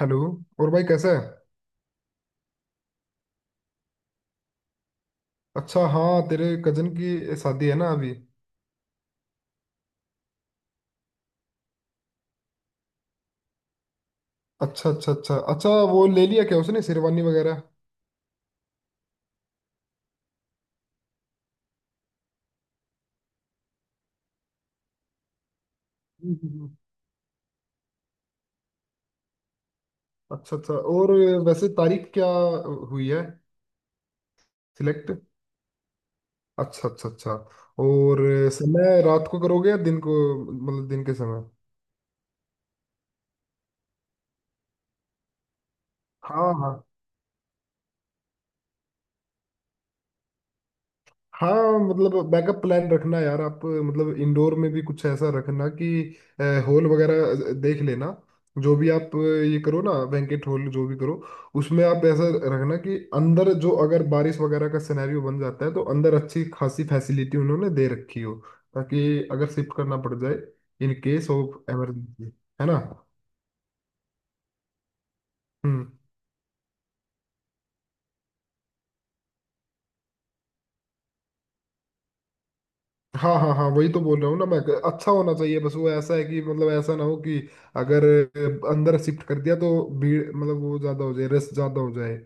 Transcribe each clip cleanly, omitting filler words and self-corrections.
Hello. और भाई कैसा है। अच्छा, हाँ तेरे कजन की शादी है ना अभी। अच्छा अच्छा अच्छा अच्छा, वो ले लिया क्या उसने शेरवानी वगैरह। हम्म। अच्छा अच्छा। और वैसे तारीख क्या हुई है। सिलेक्ट। अच्छा अच्छा अच्छा। और समय रात को करोगे या दिन को, मतलब दिन के समय। हाँ हाँ हाँ, मतलब बैकअप प्लान रखना यार। आप मतलब इंडोर में भी कुछ ऐसा रखना कि हॉल वगैरह देख लेना। जो भी आप ये करो ना, बैंकेट हॉल जो भी करो, उसमें आप ऐसा रखना कि अंदर जो अगर बारिश वगैरह का सिनेरियो बन जाता है तो अंदर अच्छी खासी फैसिलिटी उन्होंने दे रखी हो, ताकि अगर शिफ्ट करना पड़ जाए इन केस ऑफ इमरजेंसी। है ना। हम्म। हाँ हाँ हाँ, वही तो बोल रहा हूँ ना मैं। अच्छा होना चाहिए, बस वो ऐसा है कि मतलब ऐसा ना हो कि अगर अंदर शिफ्ट कर दिया तो भीड़ मतलब वो ज्यादा हो जाए, रस ज्यादा हो जाए।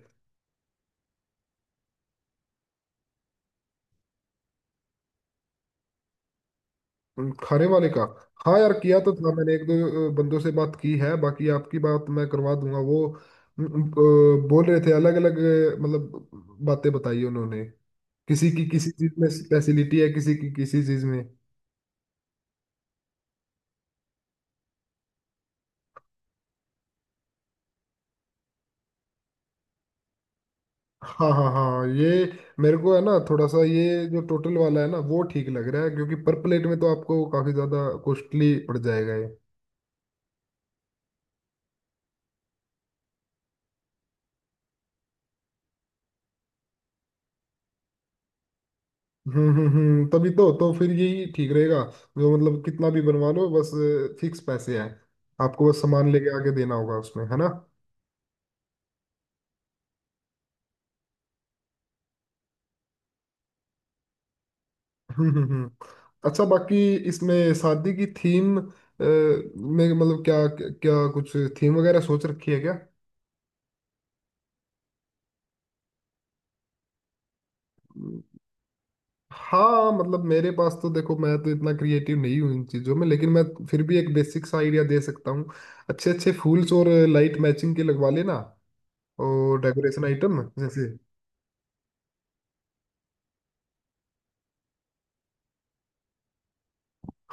खाने वाले का। हाँ यार, किया तो था मैंने। एक दो बंदों से बात की है, बाकी आपकी बात मैं करवा दूंगा वो। बोल रहे थे अलग अलग, मतलब बातें बताई उन्होंने। किसी की किसी चीज में स्पेशलिटी है, किसी की किसी चीज में। हाँ हाँ हाँ, ये मेरे को है ना थोड़ा सा, ये जो टोटल वाला है ना वो ठीक लग रहा है, क्योंकि पर प्लेट में तो आपको काफी ज्यादा कॉस्टली पड़ जाएगा ये। हम्म, तभी तो फिर यही ठीक रहेगा, जो मतलब कितना भी बनवा लो, बस फिक्स पैसे हैं। आपको बस सामान लेके आके देना होगा उसमें, है ना। हम्म हम्म हम्म। अच्छा, बाकी इसमें शादी की थीम में मतलब क्या क्या कुछ थीम वगैरह सोच रखी है क्या। हाँ मतलब, मेरे पास तो देखो, मैं तो इतना क्रिएटिव नहीं हूँ इन चीज़ों में, लेकिन मैं फिर भी एक बेसिक सा आइडिया दे सकता हूँ। अच्छे अच्छे फूल्स और लाइट मैचिंग के लगवा लेना, और डेकोरेशन आइटम जैसे।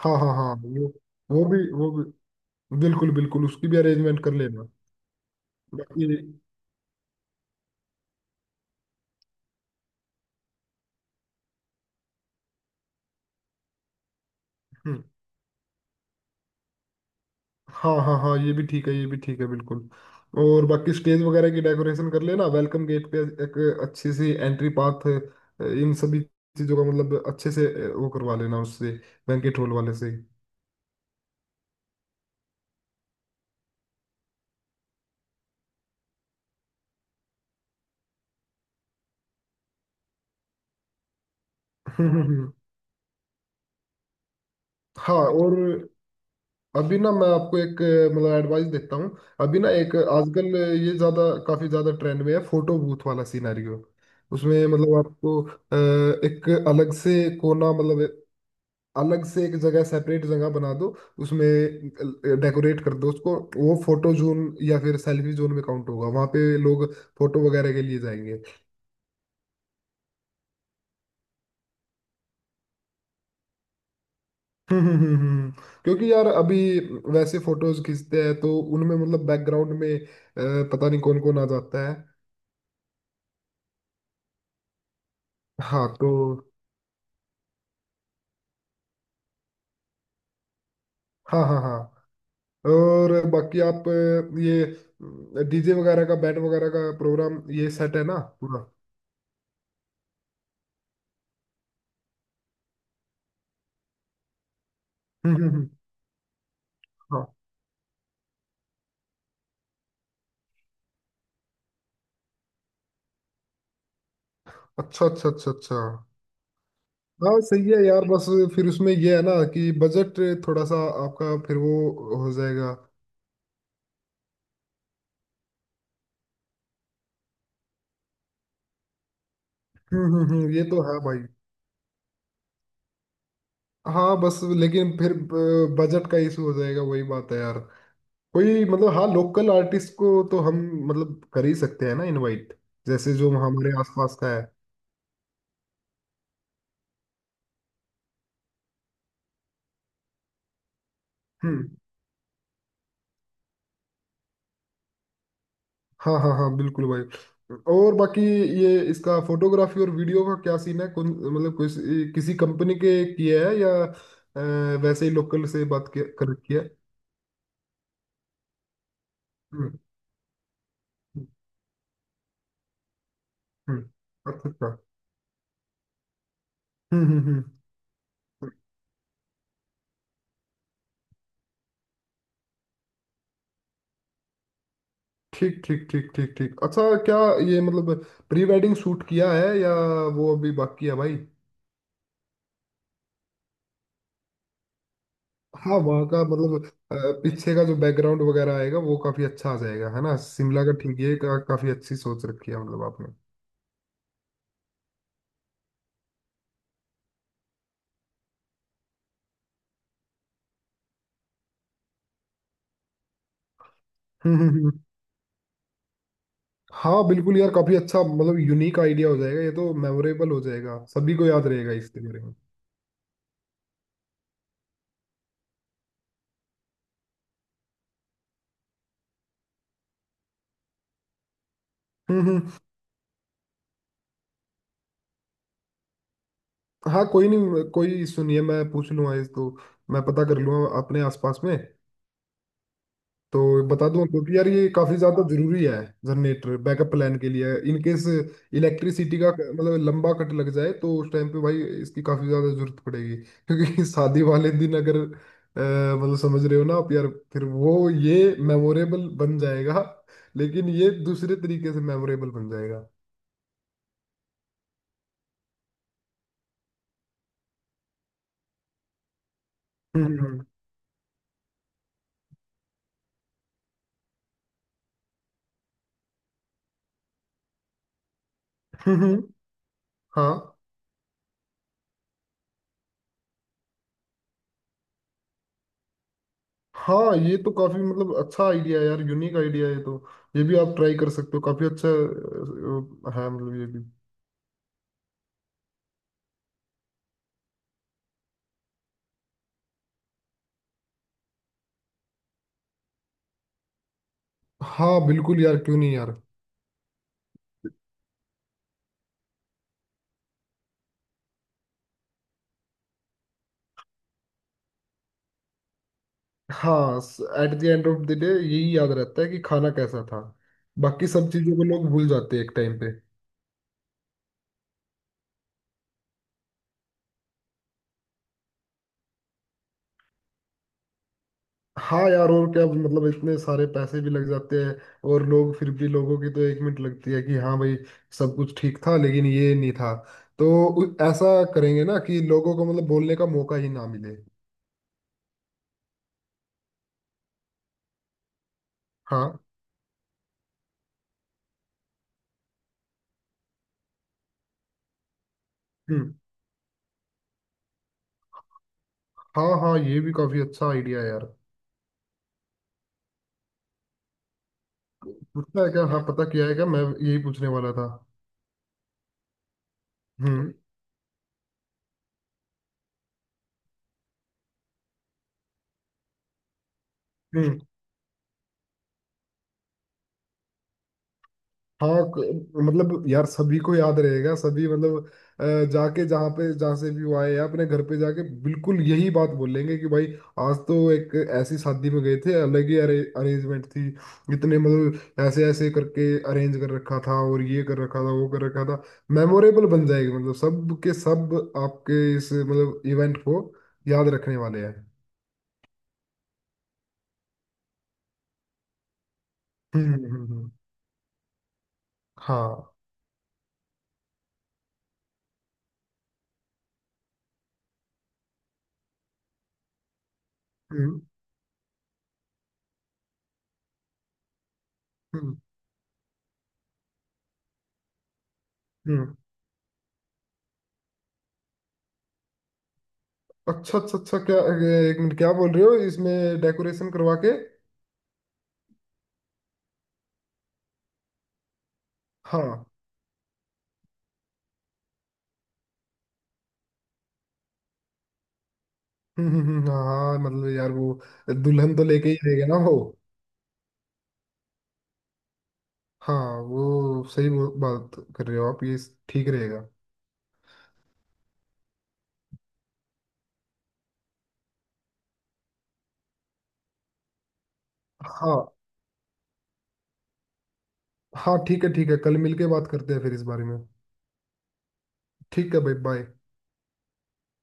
हाँ हाँ हाँ, वो भी बिल्कुल बिल्कुल, उसकी भी अरेंजमेंट कर लेना। बाकी। हम्म। हाँ हाँ हाँ, ये भी ठीक है, ये भी ठीक है, बिल्कुल। और बाकी स्टेज वगैरह की डेकोरेशन कर लेना, वेलकम गेट पे एक अच्छी सी एंट्री पाथ, इन सभी चीजों का मतलब अच्छे से वो करवा लेना उससे, बैंकेट हॉल वाले से। हम्म, हम्म, हम्म। हाँ। और अभी ना मैं आपको एक मतलब एडवाइस देता हूँ, अभी ना एक आजकल ये ज्यादा, काफी ज्यादा ट्रेंड में है, फोटो बूथ वाला सिनेरियो। उसमें मतलब आपको एक अलग से कोना, मतलब अलग से एक जगह, सेपरेट जगह बना दो, उसमें डेकोरेट कर दो उसको, वो फोटो जोन या फिर सेल्फी जोन में काउंट होगा। वहां पे लोग फोटो वगैरह के लिए जाएंगे। हम्म हम्म हम्म हम्म। क्योंकि यार अभी वैसे फोटोज खींचते हैं तो उनमें मतलब बैकग्राउंड में पता नहीं कौन कौन आ जाता है। हाँ तो। हाँ हाँ हाँ। और बाकी आप ये डीजे वगैरह का, बैंड वगैरह का प्रोग्राम ये सेट है ना पूरा। हम्म हम्म हम्म। हाँ। अच्छा अच्छा अच्छा अच्छा। हाँ सही है यार, बस फिर उसमें ये है ना कि बजट थोड़ा सा आपका फिर वो हो जाएगा। हम्म, ये तो है भाई। हाँ बस लेकिन फिर बजट का इशू हो जाएगा, वही बात है यार। कोई मतलब, हाँ, लोकल आर्टिस्ट को तो हम मतलब कर ही सकते हैं ना इनवाइट, जैसे जो हमारे आसपास का है। हम्म। हाँ हाँ हाँ बिल्कुल भाई। और बाकी ये, इसका फोटोग्राफी और वीडियो का क्या सीन है, कौन मतलब कोई किसी कंपनी के किया है या वैसे ही लोकल से कर रखी है। हम्म। हम्म, हम्म। अच्छा अच्छा। हम्म हम्म हम्म हम्म। ठीक ठीक ठीक ठीक ठीक। अच्छा क्या ये मतलब प्री वेडिंग शूट किया है, या वो अभी बाकी है भाई। हाँ वहाँ का मतलब अ, पीछे का जो बैकग्राउंड वगैरह आएगा वो काफी अच्छा आ जाएगा, है ना, शिमला का। ठीक है, काफी अच्छी सोच रखी है मतलब आपने। हम्म हम्म हम्म। हाँ बिल्कुल यार, काफी अच्छा, मतलब यूनिक आइडिया हो जाएगा ये तो, मेमोरेबल हो जाएगा, सभी को याद रहेगा इसके बारे में। हम्म हम्म। हाँ कोई नहीं, कोई सुनिए मैं पूछ लूंगा इस तो, मैं पता कर लूंगा अपने आसपास में। तो बता दूं आपको कि यार ये काफी ज्यादा जरूरी है, जनरेटर बैकअप प्लान के लिए, इन केस इलेक्ट्रिसिटी का मतलब लंबा कट लग जाए तो उस टाइम पे भाई इसकी काफी ज्यादा जरूरत पड़ेगी, क्योंकि शादी वाले दिन अगर मतलब समझ रहे हो ना आप यार। फिर वो ये मेमोरेबल बन जाएगा, लेकिन ये दूसरे तरीके से मेमोरेबल बन जाएगा। हम्म हम्म, हम्म, हाँ। हाँ ये तो काफी मतलब अच्छा आइडिया है यार, यूनिक आइडिया है ये तो, ये भी आप ट्राई कर सकते हो, काफी अच्छा है मतलब ये भी। हाँ बिल्कुल यार, क्यों नहीं यार। हाँ at the end of the day यही याद रहता है कि खाना कैसा था, बाकी सब चीजों को लोग भूल जाते हैं एक टाइम पे। हाँ यार, और क्या, मतलब इतने सारे पैसे भी लग जाते हैं, और लोग फिर भी, लोगों की तो एक मिनट लगती है कि हाँ भाई, सब कुछ ठीक था लेकिन ये नहीं था। तो ऐसा करेंगे ना कि लोगों को मतलब बोलने का मौका ही ना मिले। हाँ। हम्म। हाँ हाँ ये भी काफी अच्छा आइडिया है यार। पूछना है क्या, हाँ पता किया है क्या, मैं यही पूछने वाला था। हम्म। हाँ, मतलब यार सभी को याद रहेगा, सभी मतलब अ, जाके जहाँ पे, जहाँ से भी वो आए या अपने घर पे जाके, बिल्कुल यही बात बोलेंगे कि भाई आज तो एक ऐसी शादी में गए थे, अलग ही अरेंजमेंट थी, इतने मतलब ऐसे ऐसे करके अरेंज कर रखा था, और ये कर रखा था, वो कर रखा था। मेमोरेबल बन जाएगी, मतलब सब के सब आपके इस मतलब इवेंट को याद रखने वाले हैं। हम्म हम्म हम्म, हम्म। हाँ। हम्म हम्म हम्म। अच्छा अच्छा अच्छा, क्या क्या बोल रहे हो, इसमें डेकोरेशन करवा के। हाँ। हाँ। हाँ, मतलब यार वो दुल्हन तो लेके ही रहेगा ना वो। हाँ वो सही, वो बात कर रहे हो आप, ये ठीक रहेगा। हाँ। हाँ ठीक है ठीक है, कल मिलके बात करते हैं फिर इस बारे में। ठीक है भाई, बाय।